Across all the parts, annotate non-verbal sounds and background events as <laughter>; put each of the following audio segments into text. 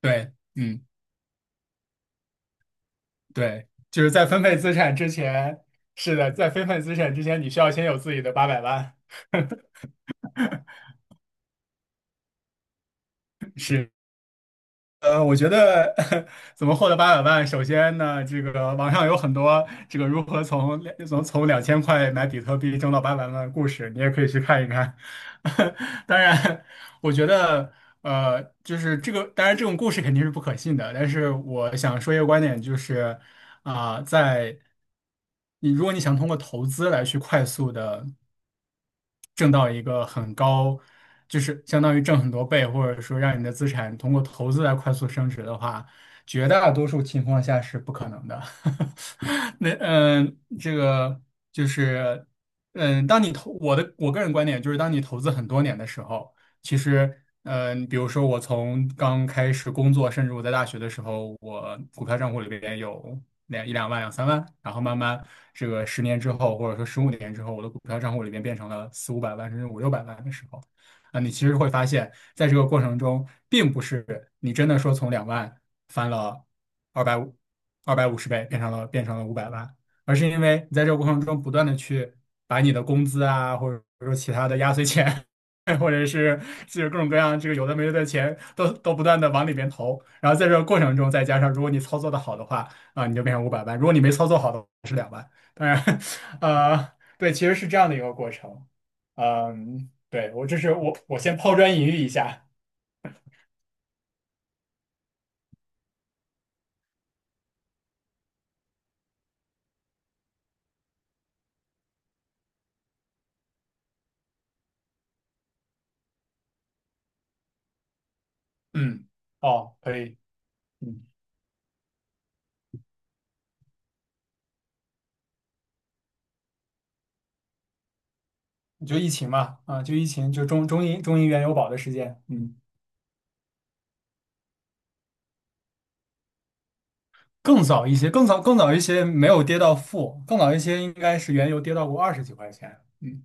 对，嗯，对，就是在分配资产之前。是的，在分配资产之前，你需要先有自己的八百万。<laughs> 是。我觉得。 <laughs> 怎么获得800万，首先呢，这个网上有很多这个如何从2000块买比特币挣到八百万的故事，你也可以去看一看。<laughs> 当然，我觉得。就是这个，当然这种故事肯定是不可信的，但是我想说一个观点，就是。啊、在如果你想通过投资来去快速的挣到一个很高，就是相当于挣很多倍，或者说让你的资产通过投资来快速升值的话，绝大多数情况下是不可能的。<laughs> 这个就是。当你投我的我个人观点就是，当你投资很多年的时候，其实。嗯，比如说我从刚开始工作，甚至我在大学的时候，我股票账户里边有两万、两三万，然后慢慢这个10年之后，或者说15年之后，我的股票账户里面变成了四五百万甚至五六百万的时候，那你其实会发现，在这个过程中，并不是你真的说从两万翻了二百五二百五十倍，变成了五百万，而是因为你在这个过程中不断的去把你的工资啊，或者说其他的压岁钱。<laughs> 或者是就是各种各样这个有的没的的钱都不断的往里边投，然后在这个过程中再加上，如果你操作的好的话，你就变成五百万。如果你没操作好的话当然。<laughs> 对，其实是这样的一个过程。嗯，对，我这是我我先抛砖引玉一下。嗯，哦，可以。嗯，就疫情嘛，就疫情，就中银原油宝的事件。嗯，更早一些，更早一些没有跌到负，更早一些应该是原油跌到过二十几块钱。嗯，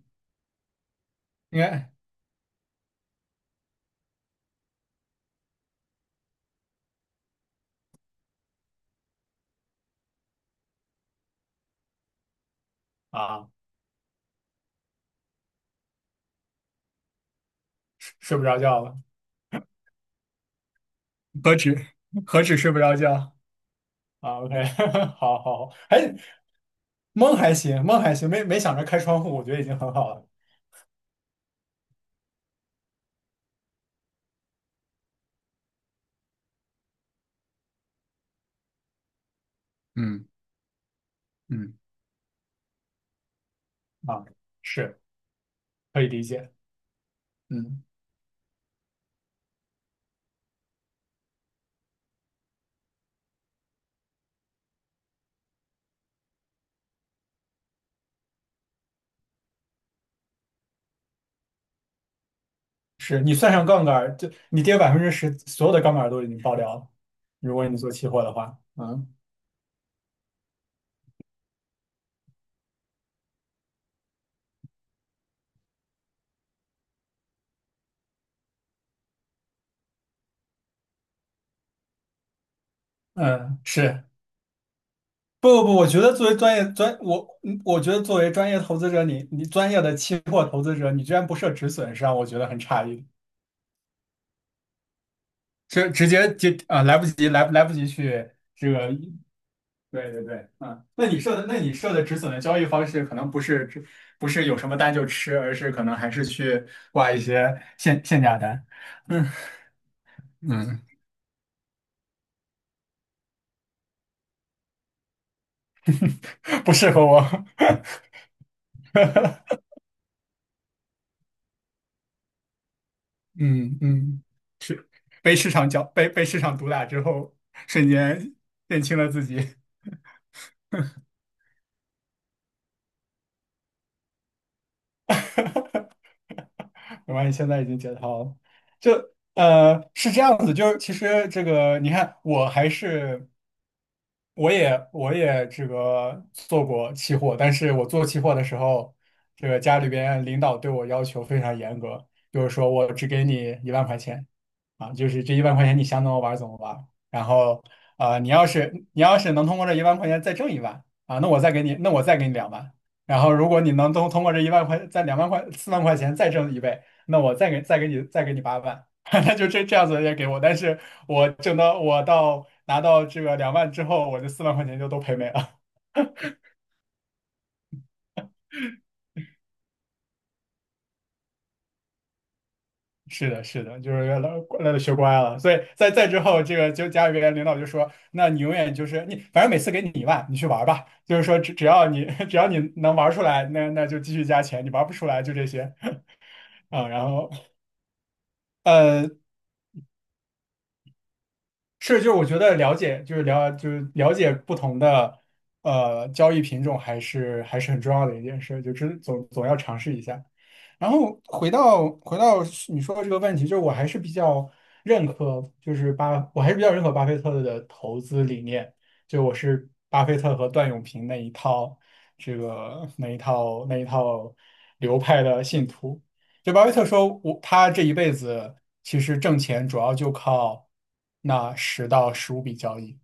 应该。啊，睡不着觉了。何止何止睡不着觉。OK。<laughs> 好好，好。蒙还行，蒙还行，没想着开窗户，我觉得已经很好了。嗯嗯。啊，是，可以理解。嗯，是你算上杠杆儿，就你跌10%，所有的杠杆儿都已经爆掉了。如果你做期货的话。嗯嗯，是。不不不，我觉得作为专业投资者，你专业的期货投资者，你居然不设止损，是让我觉得很诧异。就直接来不及去这个。对对对，嗯，那你设的止损的交易方式，可能不是有什么单就吃，而是可能还是去挂一些限价单。嗯嗯。<laughs> 不适合我。<laughs> 嗯嗯，是被市场毒打之后，瞬间认清了自己。<laughs> 我发现现在已经解套了。就是这样子，就是其实这个你看，我还是。我也这个做过期货，但是我做期货的时候，这个家里边领导对我要求非常严格，就是说我只给你一万块钱。就是这一万块钱你想怎么玩儿怎么玩儿，然后你要是能通过这一万块钱再挣一万。那我再给你两万，然后如果你能通过这一万块再2万块四万块钱再挣一倍，那我再给你8万。 <laughs> 那就这样子也给我，但是我挣到我到拿到这个两万之后，我这四万块钱就都赔没了。<laughs> 是的，是的，就是学乖了，所以在之后，这个就家里边领导就说，那你永远就是你，反正每次给你一万，你去玩儿吧。就是说只要你 <laughs> 只要你能玩儿出来，那就继续加钱，你玩儿不出来就这些。 <laughs> 然后。呃。”是，就是我觉得了解，就是了解不同的交易品种，还是很重要的一件事，就知总总要尝试一下。然后回到你说的这个问题，就是我还是比较认可巴菲特的投资理念，就我是巴菲特和段永平那一套这个那一套那一套流派的信徒。就巴菲特说我，他这一辈子其实挣钱主要就靠那10到15笔交易。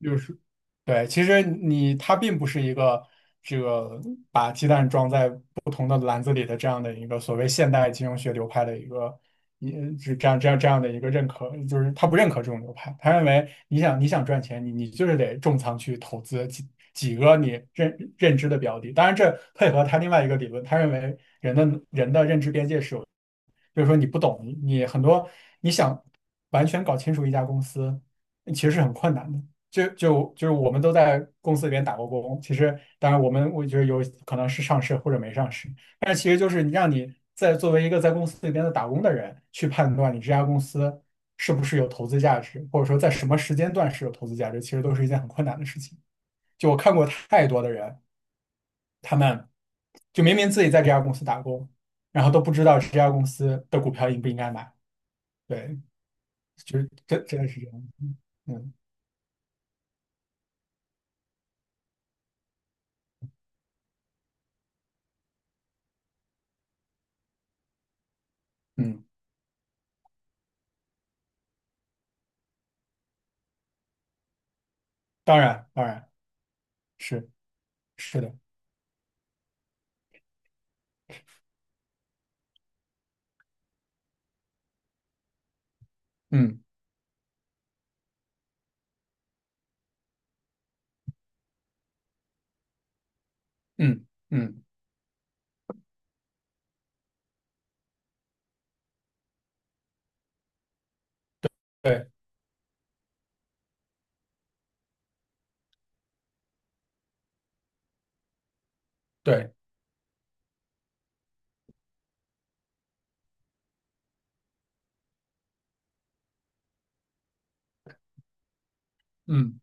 就是，对，其实他并不是一个这个把鸡蛋装在不同的篮子里的这样的一个所谓现代金融学流派的一个，一是这样的一个认可，就是他不认可这种流派，他认为你想赚钱，你就是得重仓去投资几个你认知的标的，当然这配合他另外一个理论，他认为人的认知边界是有。就是说你不懂，你很多你想完全搞清楚一家公司，其实是很困难的。就是我们都在公司里边打过工，其实当然我觉得有可能是上市或者没上市，但是其实就是你让你在作为一个在公司里边的打工的人去判断你这家公司是不是有投资价值，或者说在什么时间段是有投资价值，其实都是一件很困难的事情。就我看过太多的人，他们就明明自己在这家公司打工，然后都不知道这家公司的股票应不应该买。对，就是真的是这样。嗯嗯，嗯，当然当然，是是的。嗯。嗯嗯，对对。嗯。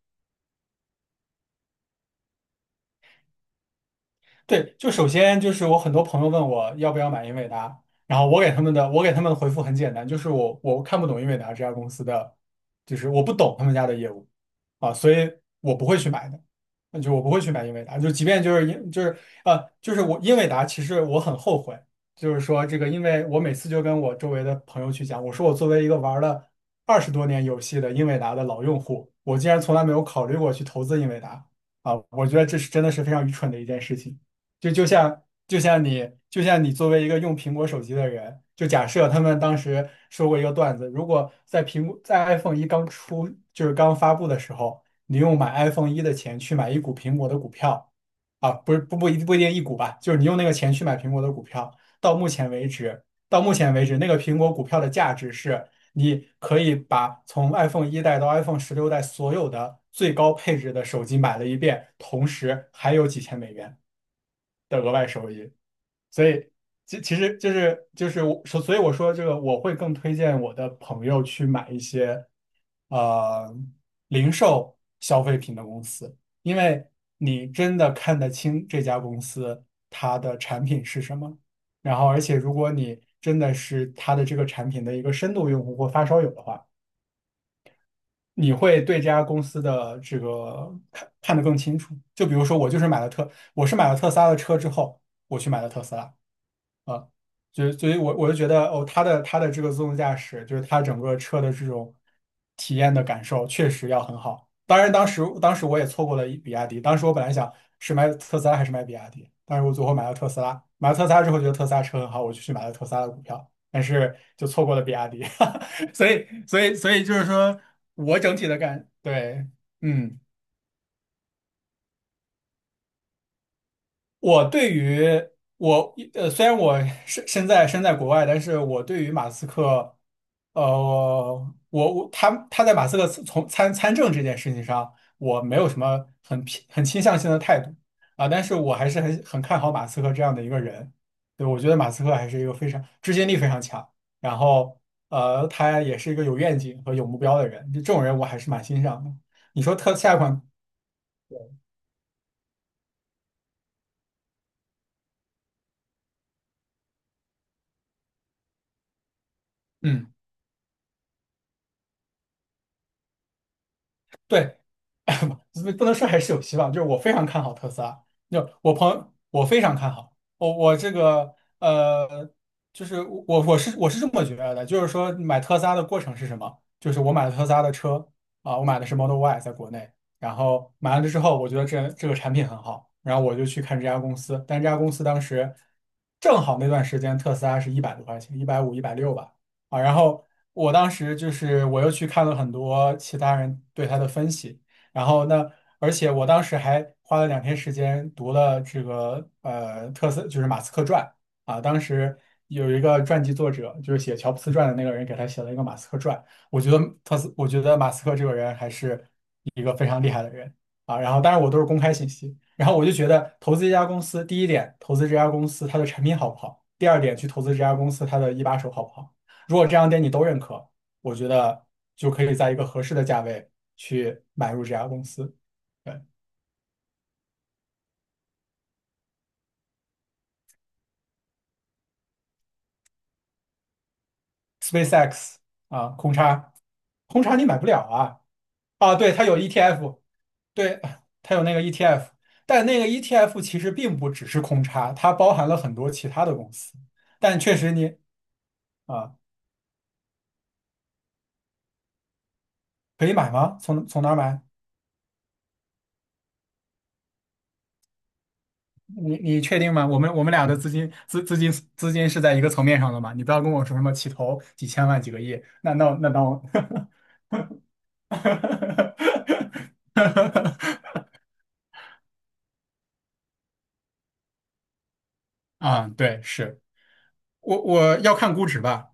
对，就首先就是我很多朋友问我要不要买英伟达，然后我给他们的回复很简单，就是我看不懂英伟达这家公司的，就是我不懂他们家的业务，啊，所以我不会去买的，那就我不会去买英伟达，就即便就是英就是呃就是我英伟达，其实我很后悔，就是说这个，因为我每次就跟我周围的朋友去讲，我说我作为一个玩了20多年游戏的英伟达的老用户，我竟然从来没有考虑过去投资英伟达。啊，我觉得这是真的是非常愚蠢的一件事情。就像你作为一个用苹果手机的人，就假设他们当时说过一个段子，如果在苹果在 iPhone 一刚出就是刚发布的时候，你用买 iPhone 一的钱去买一股苹果的股票，不是不不一不一定一股吧，就是你用那个钱去买苹果的股票，到目前为止那个苹果股票的价值是。你可以把从 iPhone 一代到 iPhone 16代所有的最高配置的手机买了一遍，同时还有几千美元的额外收益。所以，其实就是所以我说这个，我会更推荐我的朋友去买一些呃零售消费品的公司，因为你真的看得清这家公司它的产品是什么。然后，而且如果你真的是它的这个产品的一个深度用户或发烧友的话，你会对这家公司的这个看得更清楚。就比如说，我是买了特斯拉的车之后，我去买了特斯拉。啊，就所以我就觉得哦，它的这个自动驾驶，就是它整个车的这种体验的感受，确实要很好。当然，当时我也错过了比亚迪，当时我本来想是买特斯拉还是买比亚迪，但是我最后买了特斯拉。买了特斯拉之后，觉得特斯拉车很好，我就去买了特斯拉的股票，但是就错过了比亚迪。<laughs> 所以就是说我整体的感，对，嗯。我对于虽然我身在国外，但是我对于马斯克，呃，我他在马斯克从参政这件事情上，我没有什么很倾向性的态度啊，但是我还是很看好马斯克这样的一个人，对，我觉得马斯克还是一个非常执行力非常强，然后他也是一个有愿景和有目标的人，这种人我还是蛮欣赏的。你说特下一款，嗯。对，<laughs> 不能说还是有希望，就是我非常看好特斯拉，就我朋友我非常看好，我这个就是我是这么觉得的，就是说买特斯拉的过程是什么？就是我买了特斯拉的车啊，我买的是 Model Y，在国内，然后买完了之后，我觉得这个产品很好，然后我就去看这家公司，但这家公司当时正好那段时间特斯拉是一百多块钱，150、160吧。啊，然后我当时就是我又去看了很多其他人对他的分析，然后而且我当时还花了2天时间读了这个就是马斯克传啊，当时有一个传记作者就是写乔布斯传的那个人给他写了一个马斯克传，我觉得我觉得马斯克这个人还是一个非常厉害的人啊，然后当然我都是公开信息，然后我就觉得投资一家公司，第一点投资这家公司它的产品好不好，第二点去投资这家公司它的一把手好不好。如果这两点你都认可，我觉得就可以在一个合适的价位去买入这家公司。对，SpaceX 啊，空差，空差你买不了啊啊，对，它有 ETF，对，它有那个 ETF，但那个 ETF 其实并不只是空差，它包含了很多其他的公司，但确实你啊可以买吗？从哪儿买？你确定吗？我们俩的资金是在一个层面上的嘛？你不要跟我说什么起投几千万几个亿，那我 <laughs> 啊，对，是我要看估值吧，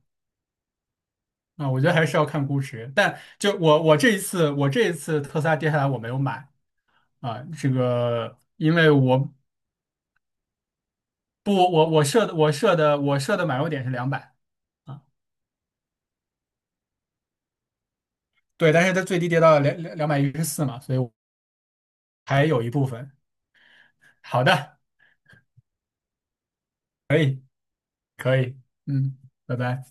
啊，我觉得还是要看估值。但就我这一次特斯拉跌下来我没有买啊，这个因为我不我设的买入点是两百啊，对，但是它最低跌到两百一十四嘛，所以我还有一部分。好的。可以，嗯，拜拜。